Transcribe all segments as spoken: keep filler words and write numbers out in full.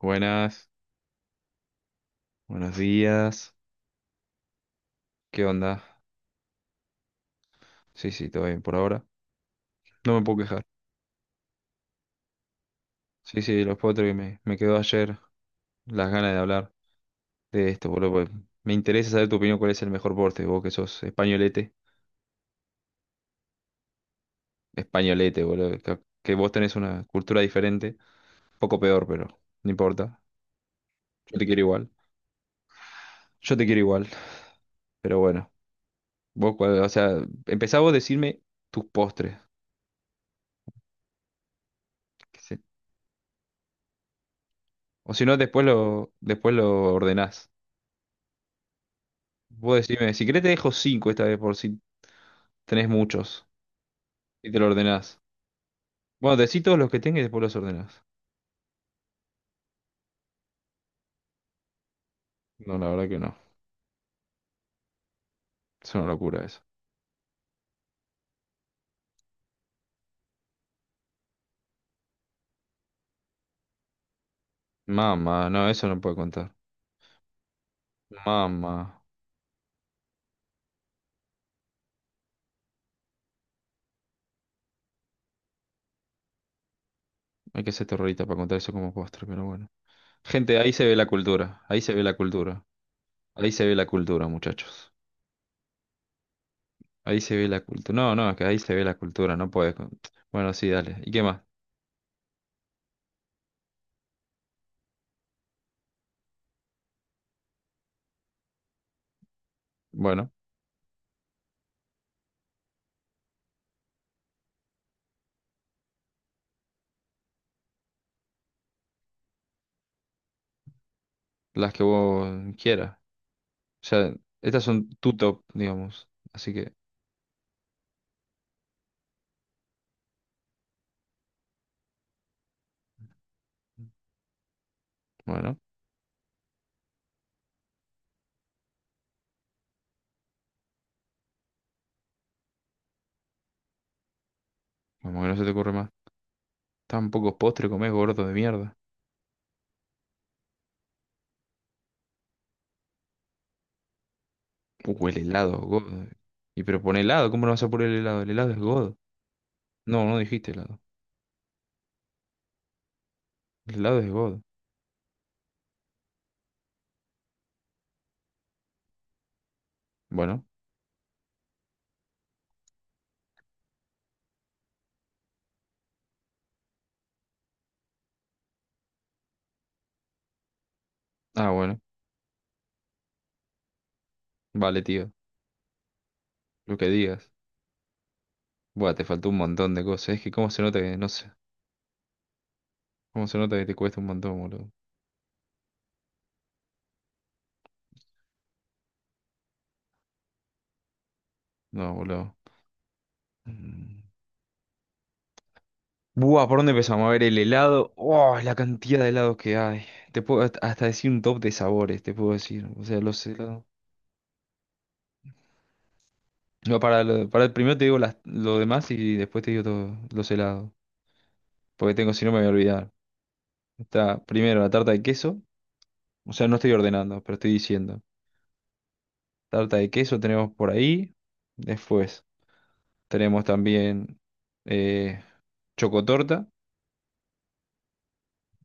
Buenas, buenos días. ¿Qué onda? Sí, sí, todo bien por ahora. No me puedo quejar. Sí, sí, los potres que me, me quedó ayer las ganas de hablar de esto, boludo, porque me interesa saber tu opinión, cuál es el mejor porte, vos que sos españolete. Españolete, boludo. Que, que vos tenés una cultura diferente, poco peor, pero no importa. Yo te quiero igual. Yo te quiero igual. Pero bueno, vos, cuál- o sea, empezá vos a decirme tus postres. que se- O si no, después lo, después lo ordenás. Vos decime, si querés te dejo cinco esta vez por si tenés muchos y te lo ordenás. Bueno, decí todos los que tengas y después los ordenás. No, la verdad que no. Es una locura eso. Mamá, no, eso no puedo contar. Mamá, hay que ser terrorista para contar eso como postre, pero bueno. Gente, ahí se ve la cultura, ahí se ve la cultura, ahí se ve la cultura, muchachos. Ahí se ve la cultura. No, no, es que ahí se ve la cultura, no puedes. con- Bueno, sí, dale. ¿Y qué más? Bueno, las que vos quieras. O sea, estas son tu top, digamos. Así que... Bueno. Como que no se te ocurre más. Tan pocos postres comes, gordo de mierda. Uh, el helado, godo. Y pero pon helado, ¿cómo no vas a poner el helado? El helado es godo. No, no dijiste helado. El helado es godo. Bueno, ah, bueno. Vale, tío. Lo que digas. Buah, te faltó un montón de cosas. Es que cómo se nota que, no sé. Cómo se nota que te cuesta un montón, boludo. No, boludo. Mm. Buah, ¿por dónde empezamos? A ver, el helado. Oh, la cantidad de helados que hay. Te puedo hasta hasta decir un top de sabores, te puedo decir. O sea, los helados. No, para, lo- para el primero te digo las- lo demás y después te digo todo- los helados. Porque tengo, si no me voy a olvidar. Está primero la tarta de queso. O sea, no estoy ordenando, pero estoy diciendo. Tarta de queso tenemos por ahí. Después tenemos también eh, chocotorta,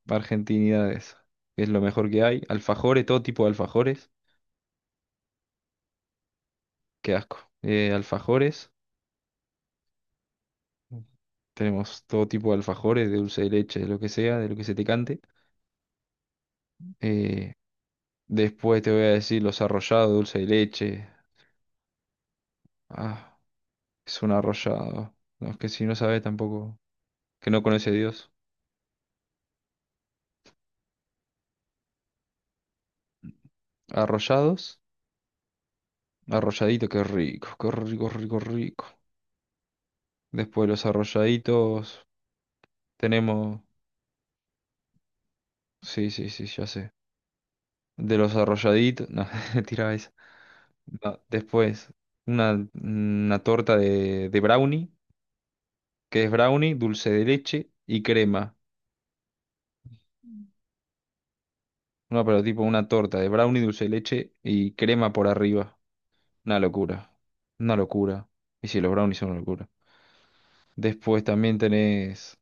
argentinidades, que es lo mejor que hay. Alfajores, todo tipo de alfajores. Qué asco. Eh, alfajores. Tenemos todo tipo de alfajores, de dulce de leche, de lo que sea, de lo que se te cante. Eh, Después te voy a decir los arrollados, dulce de leche. Ah, es un arrollado. No, es que si no sabes tampoco, que no conoce a Dios. Arrollados, arrolladito, qué rico, qué rico, rico, rico. Después los arrolladitos, tenemos. Sí, sí, sí, ya sé. De los arrolladitos, no, tiraba esa. No, después, una, una torta de, de brownie, que es brownie, dulce de leche y crema. No, pero tipo una torta de brownie, dulce de leche y crema por arriba. Una locura. Una locura. Y sí, los brownies son una locura. Después también tenés.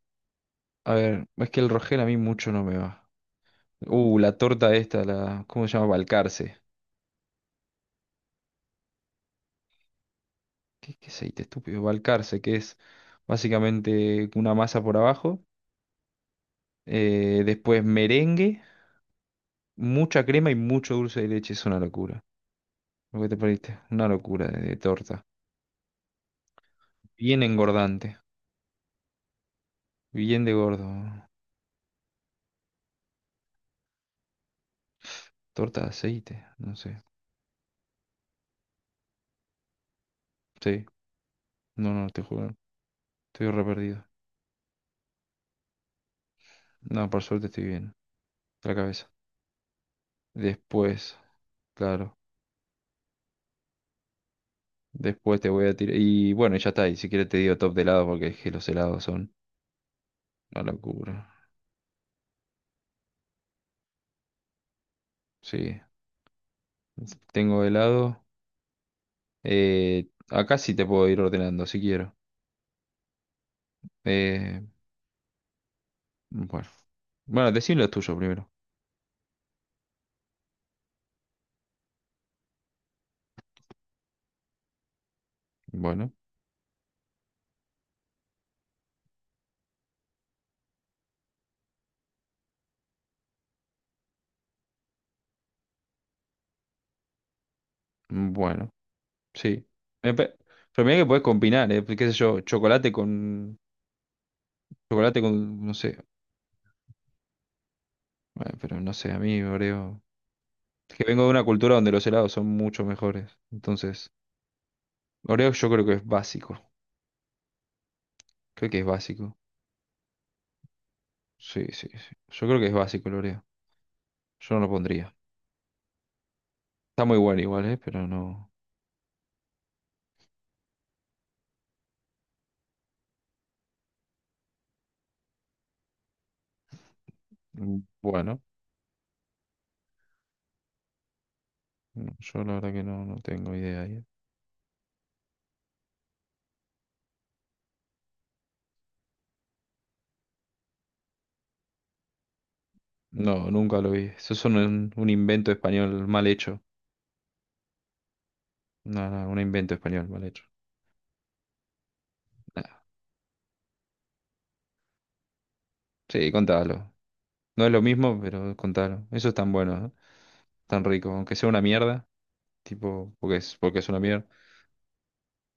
A ver, es que el Rogel a mí mucho no me va. Uh, la torta esta, la. ¿Cómo se llama? Balcarce. ¿Qué, qué aceite estúpido? Balcarce, que es básicamente una masa por abajo. eh, después merengue, mucha crema y mucho dulce de leche. Es una locura. Lo que te perdiste. Una locura de, de torta. Bien engordante. Bien de gordo. Torta de aceite. No sé. Sí. No, no, te juro. Estoy re perdido. No, por suerte estoy bien. De la cabeza. Después, claro. Después te voy a tirar. Y bueno, ya está. Y si quieres te digo top de helado porque es que los helados son una locura. Sí. Tengo helado. Eh, acá sí te puedo ir ordenando si quiero. Eh, bueno. Bueno, decir los tuyos primero. Bueno. Bueno. Sí. Me pa- Pero mira que podés combinar, ¿eh? Qué sé yo, chocolate con. Chocolate con. No sé. Bueno, pero no sé, a mí, Oreo. Es que vengo de una cultura donde los helados son mucho mejores. Entonces, Oreo yo creo que es básico. Creo que es básico. Sí, sí, sí. Yo creo que es básico el Oreo. Yo no lo pondría. Está muy bueno igual, ¿eh? Pero no. Mm, bueno, no, yo la verdad que no, no tengo idea ahí. No, nunca lo vi. Eso es un, un invento español mal hecho. No, no, un invento español mal hecho. Nah, sí, contalo. No es lo mismo, pero contalo. Eso es tan bueno, ¿eh? Tan rico. Aunque sea una mierda, tipo, porque es, porque es una mierda.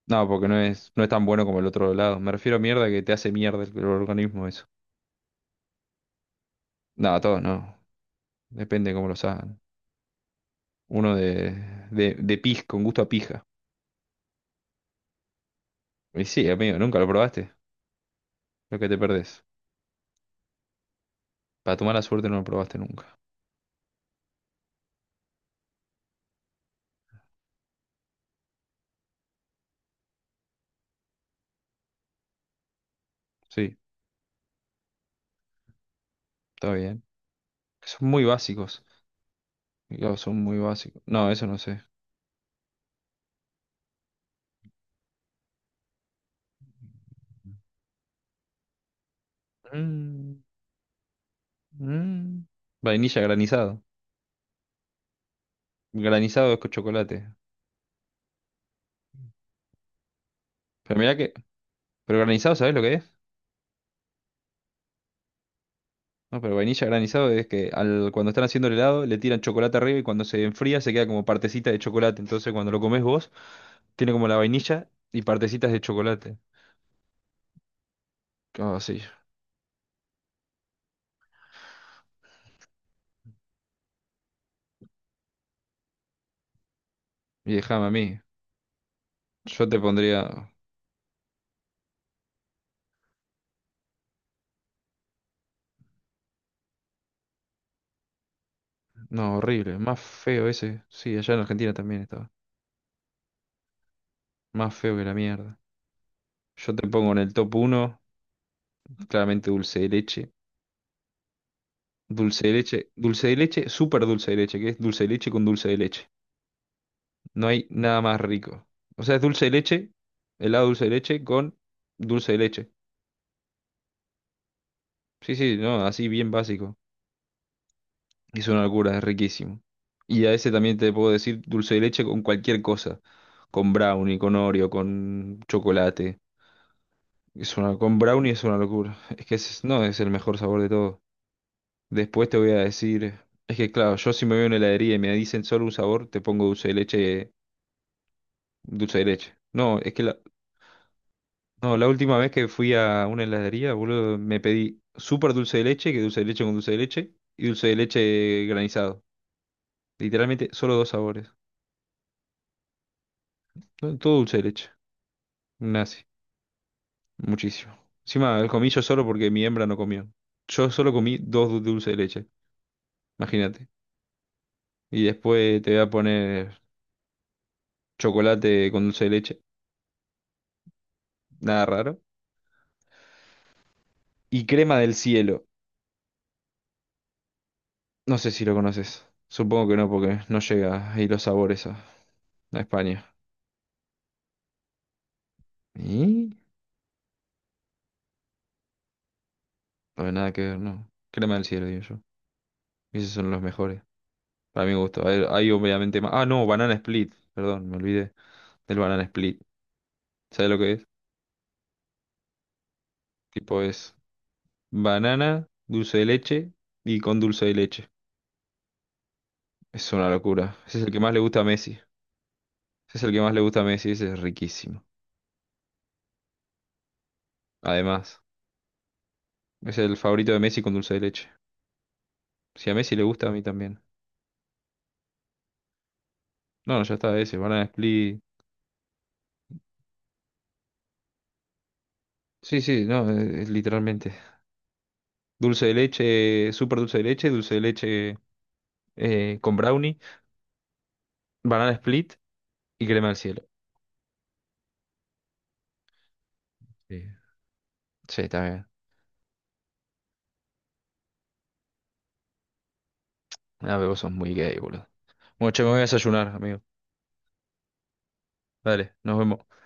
No, porque no es, no es tan bueno como el otro lado. Me refiero a mierda que te hace mierda el, el organismo eso. No, todo no. Depende cómo lo hagan. Uno de, de, de pis, con gusto a pija. Y sí, amigo, nunca lo probaste. Lo que te perdés. Para tu mala suerte no lo probaste nunca. Sí, está bien. Son muy básicos. Digo, son muy básicos. No, eso no sé. Mm, mm. Vainilla granizado. Granizado es con chocolate. Pero mirá que... ¿Pero granizado sabés lo que es? No, pero vainilla granizado es que al, cuando están haciendo el helado le tiran chocolate arriba y cuando se enfría se queda como partecita de chocolate. Entonces cuando lo comes vos, tiene como la vainilla y partecitas de chocolate. Ah, sí. Y déjame a mí. Yo te pondría... No, horrible. Más feo ese. Sí, allá en Argentina también estaba. Más feo que la mierda. Yo te pongo en el top uno, claramente dulce de leche. Dulce de leche. Dulce de leche, súper dulce de leche, que es dulce de leche con dulce de leche. No hay nada más rico. O sea, es dulce de leche, helado dulce de leche con dulce de leche. Sí, sí, no, así bien básico. Es una locura, es riquísimo. Y a ese también te puedo decir dulce de leche con cualquier cosa. Con brownie, con Oreo, con chocolate. Es una, con brownie es una locura. Es que es, no, es el mejor sabor de todo. Después te voy a decir, es que claro, yo si me voy a una heladería y me dicen solo un sabor, te pongo dulce de leche, dulce de leche. No, es que la- no, la última vez que fui a una heladería, boludo, me pedí súper dulce de leche, que dulce de leche con dulce de leche, y dulce de leche granizado. Literalmente, solo dos sabores. No, todo dulce de leche. Nazi. Muchísimo. Encima, el comí yo solo porque mi hembra no comió. Yo solo comí dos du- dulce de leche. Imagínate. Y después te voy a poner chocolate con dulce de leche. Nada raro. Y crema del cielo. No sé si lo conoces. Supongo que no, porque no llega ahí los sabores a, a España. Y no hay nada que ver, no. Crema del cielo, digo yo. Esos son los mejores. Para mi gusto. Hay, hay obviamente más. Ah, no, banana split. Perdón, me olvidé del banana split. ¿Sabes lo que es? Tipo es banana, dulce de leche y con dulce de leche. Es una locura. Ese es el que más le gusta a Messi. Ese es el que más le gusta a Messi. Ese es riquísimo. Además, es el favorito de Messi con dulce de leche. Si a Messi le gusta, a mí también. No, no, ya está ese. Banana split. Sí, sí, no, es, es literalmente. Dulce de leche, súper dulce de leche, dulce de leche eh, con brownie, banana split y crema del cielo. Sí. Sí, está bien. Ah, pero vos sos muy gay, boludo. Bueno, che, me voy a desayunar, amigo. Dale, nos vemos.